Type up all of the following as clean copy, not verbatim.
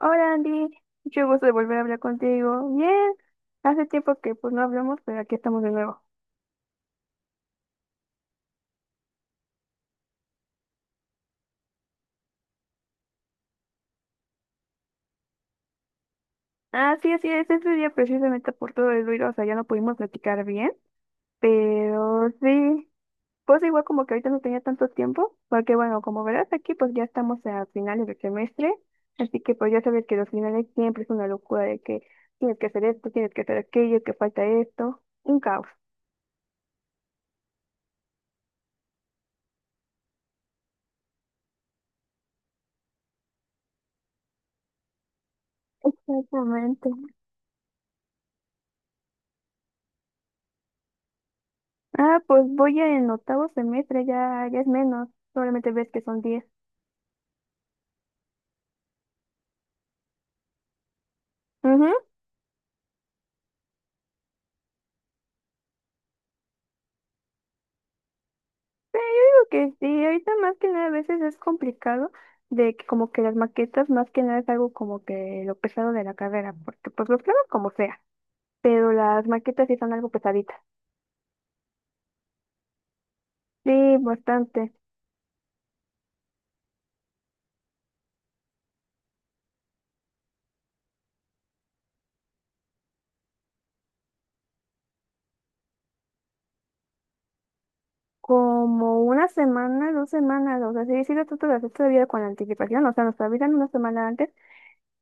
Hola Andy, mucho gusto de volver a hablar contigo. Bien, hace tiempo que pues no hablamos, pero aquí estamos de nuevo. Ah, sí, así es, ese día precisamente por todo el ruido, o sea, ya no pudimos platicar bien, pero sí, pues igual como que ahorita no tenía tanto tiempo, porque bueno, como verás aquí pues ya estamos a finales del semestre, así que pues ya sabes que los finales siempre es una locura de que tienes que hacer esto, tienes que hacer aquello, que falta esto, un caos. Exactamente. Ah, pues voy en octavo semestre, ya, ya es menos. Probablemente ves que son 10. Ujú. Pero yo digo que sí, ahorita más que nada a veces es complicado de que como que las maquetas más que nada es algo como que lo pesado de la carrera, porque pues los planos como sea, pero las maquetas sí son algo pesaditas. Sí, bastante. Como una semana, 2 semanas, o sea, sí, sí lo trato de hacer todavía con anticipación, o sea, nos avisan una semana antes.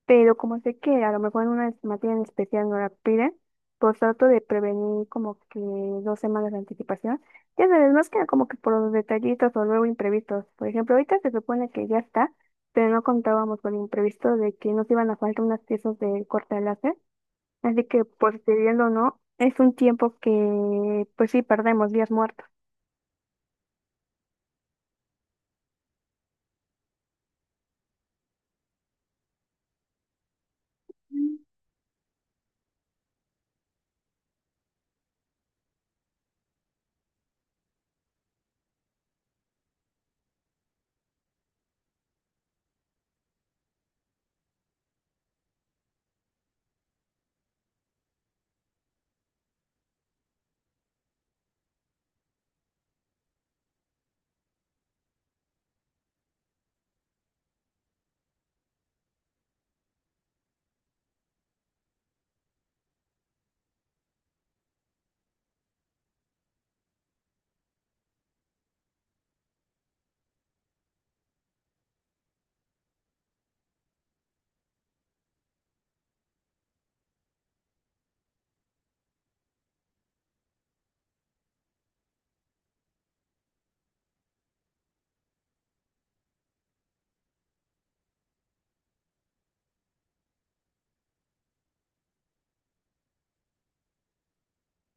Pero como sé que a lo mejor en una materia en especial no la piden, pues trato de prevenir como que 2 semanas de anticipación. Ya sabes, más que nada como que por los detallitos o luego imprevistos. Por ejemplo, ahorita se supone que ya está, pero no contábamos con el imprevisto de que nos iban a faltar unas piezas de corte de láser. Así que, pues, queriendo o no, es un tiempo que, pues sí, perdemos días muertos.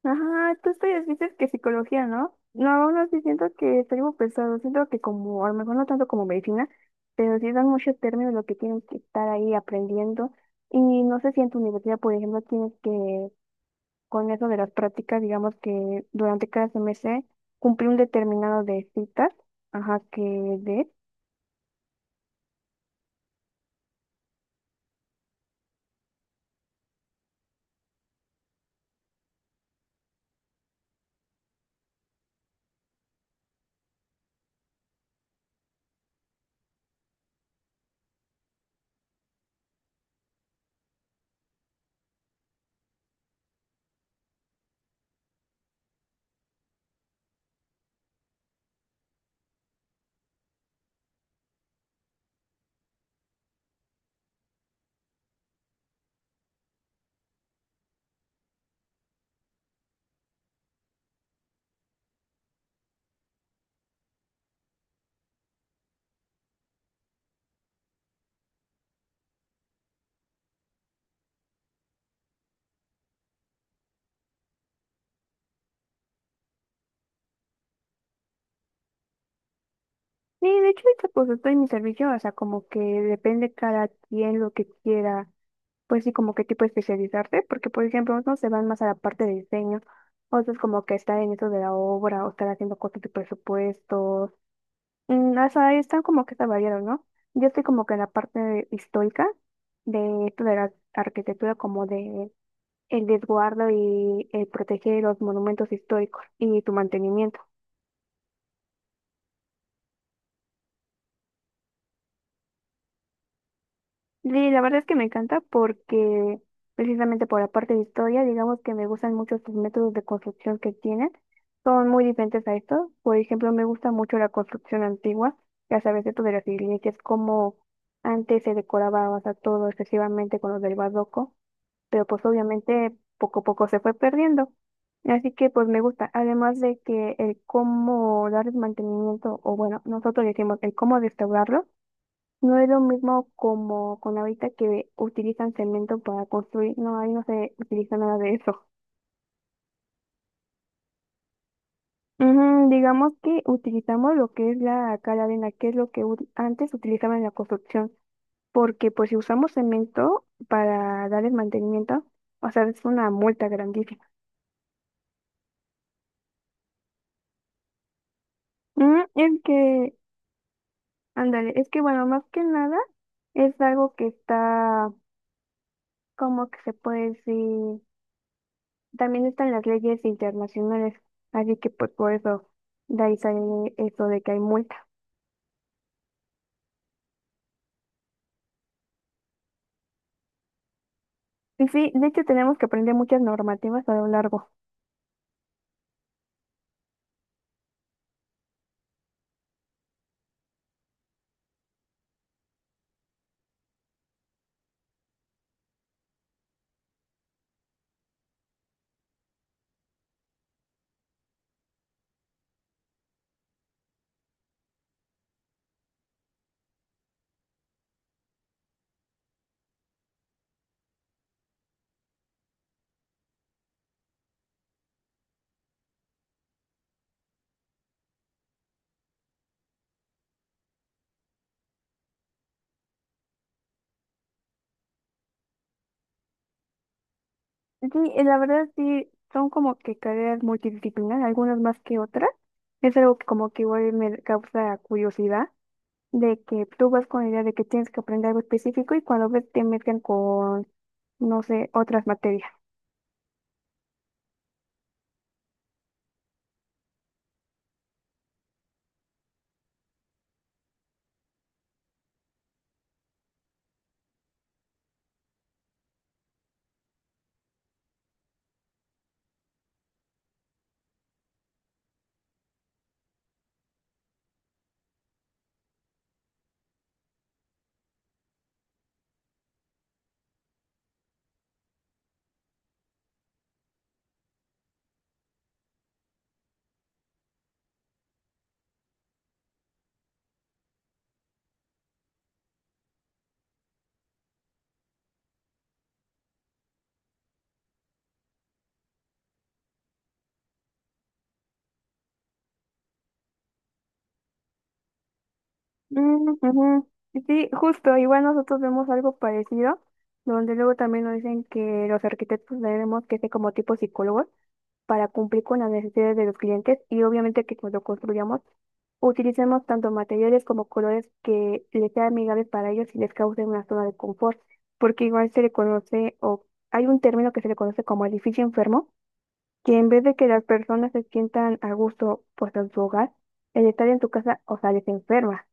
Ajá, tú estudias, dices que psicología, ¿no? No, aún así siento que estoy muy pesado, siento que como, a lo mejor no tanto como medicina, pero sí dan muchos términos lo que tienes que estar ahí aprendiendo. Y no sé si en tu universidad, por ejemplo, tienes que, con eso de las prácticas, digamos que durante cada semestre, cumplir un determinado de citas, ajá, que de... Sí, de hecho, ahorita, pues estoy en mi servicio, o sea, como que depende cada quien lo que quiera, pues sí, como qué tipo de especializarte, porque por ejemplo, unos se van más a la parte de diseño, otros como que estar en eso de la obra o estar haciendo cosas de presupuestos, mm, o sea, ahí están como que está variado, ¿no? Yo estoy como que en la parte histórica de esto de la arquitectura, como de el desguardo y el proteger los monumentos históricos y tu mantenimiento. Sí, la verdad es que me encanta porque precisamente por la parte de historia, digamos que me gustan mucho sus métodos de construcción que tienen. Son muy diferentes a estos. Por ejemplo, me gusta mucho la construcción antigua, ya sabes, esto de las iglesias, como antes se decoraba, o sea, todo excesivamente con los del barroco, pero pues obviamente poco a poco se fue perdiendo. Así que pues me gusta, además de que el cómo darles mantenimiento, o bueno, nosotros decimos el cómo restaurarlo no es lo mismo como con ahorita que utilizan cemento para construir, no, ahí no se utiliza nada de eso. Ujú, digamos que utilizamos lo que es la cal arena, que es lo que antes utilizaba en la construcción, porque pues si usamos cemento para darles mantenimiento, o sea, es una multa grandísima. Mm, es que, ándale, es que bueno, más que nada es algo que está, como que se puede decir? También están las leyes internacionales, así que pues por eso de ahí sale eso de que hay multa. Y sí, de hecho tenemos que aprender muchas normativas a lo largo. Sí, la verdad sí, son como que carreras multidisciplinarias, algunas más que otras. Es algo que como que igual me causa curiosidad, de que tú vas con la idea de que tienes que aprender algo específico y cuando ves te mezclan con, no sé, otras materias. Mm, ujú. Sí, justo, igual nosotros vemos algo parecido, donde luego también nos dicen que los arquitectos tenemos que ser como tipo psicólogos para cumplir con las necesidades de los clientes y obviamente que cuando construyamos utilicemos tanto materiales como colores que les sean amigables para ellos y les causen una zona de confort, porque igual se le conoce o hay un término que se le conoce como edificio enfermo, que en vez de que las personas se sientan a gusto pues en su hogar, el estar en su casa, o sea, les enferma.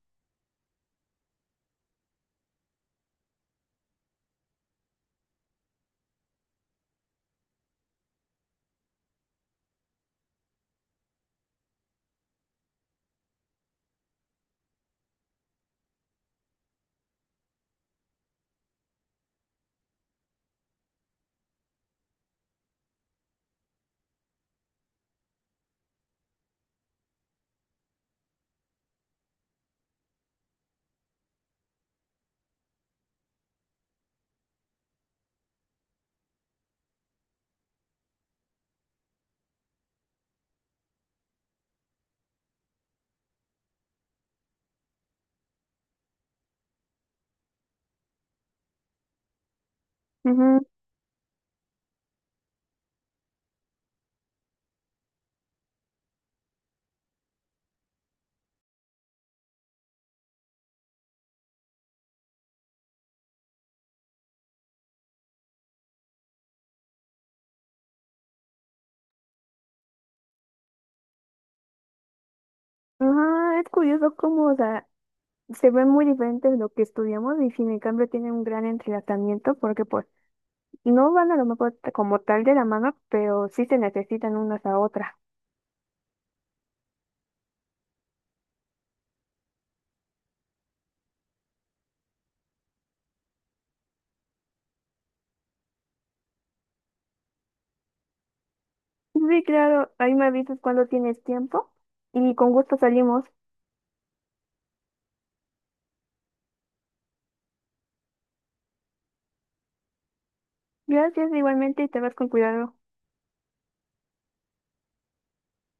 Ajá, es curioso cómo, o sea, se ve muy diferente de lo que estudiamos y sin en cambio tiene un gran entrelazamiento porque pues no van a lo mejor como tal de la mano, pero sí se necesitan unas a otras. Sí, claro, ahí me avisas cuando tienes tiempo y con gusto salimos. Gracias igualmente y te vas con cuidado.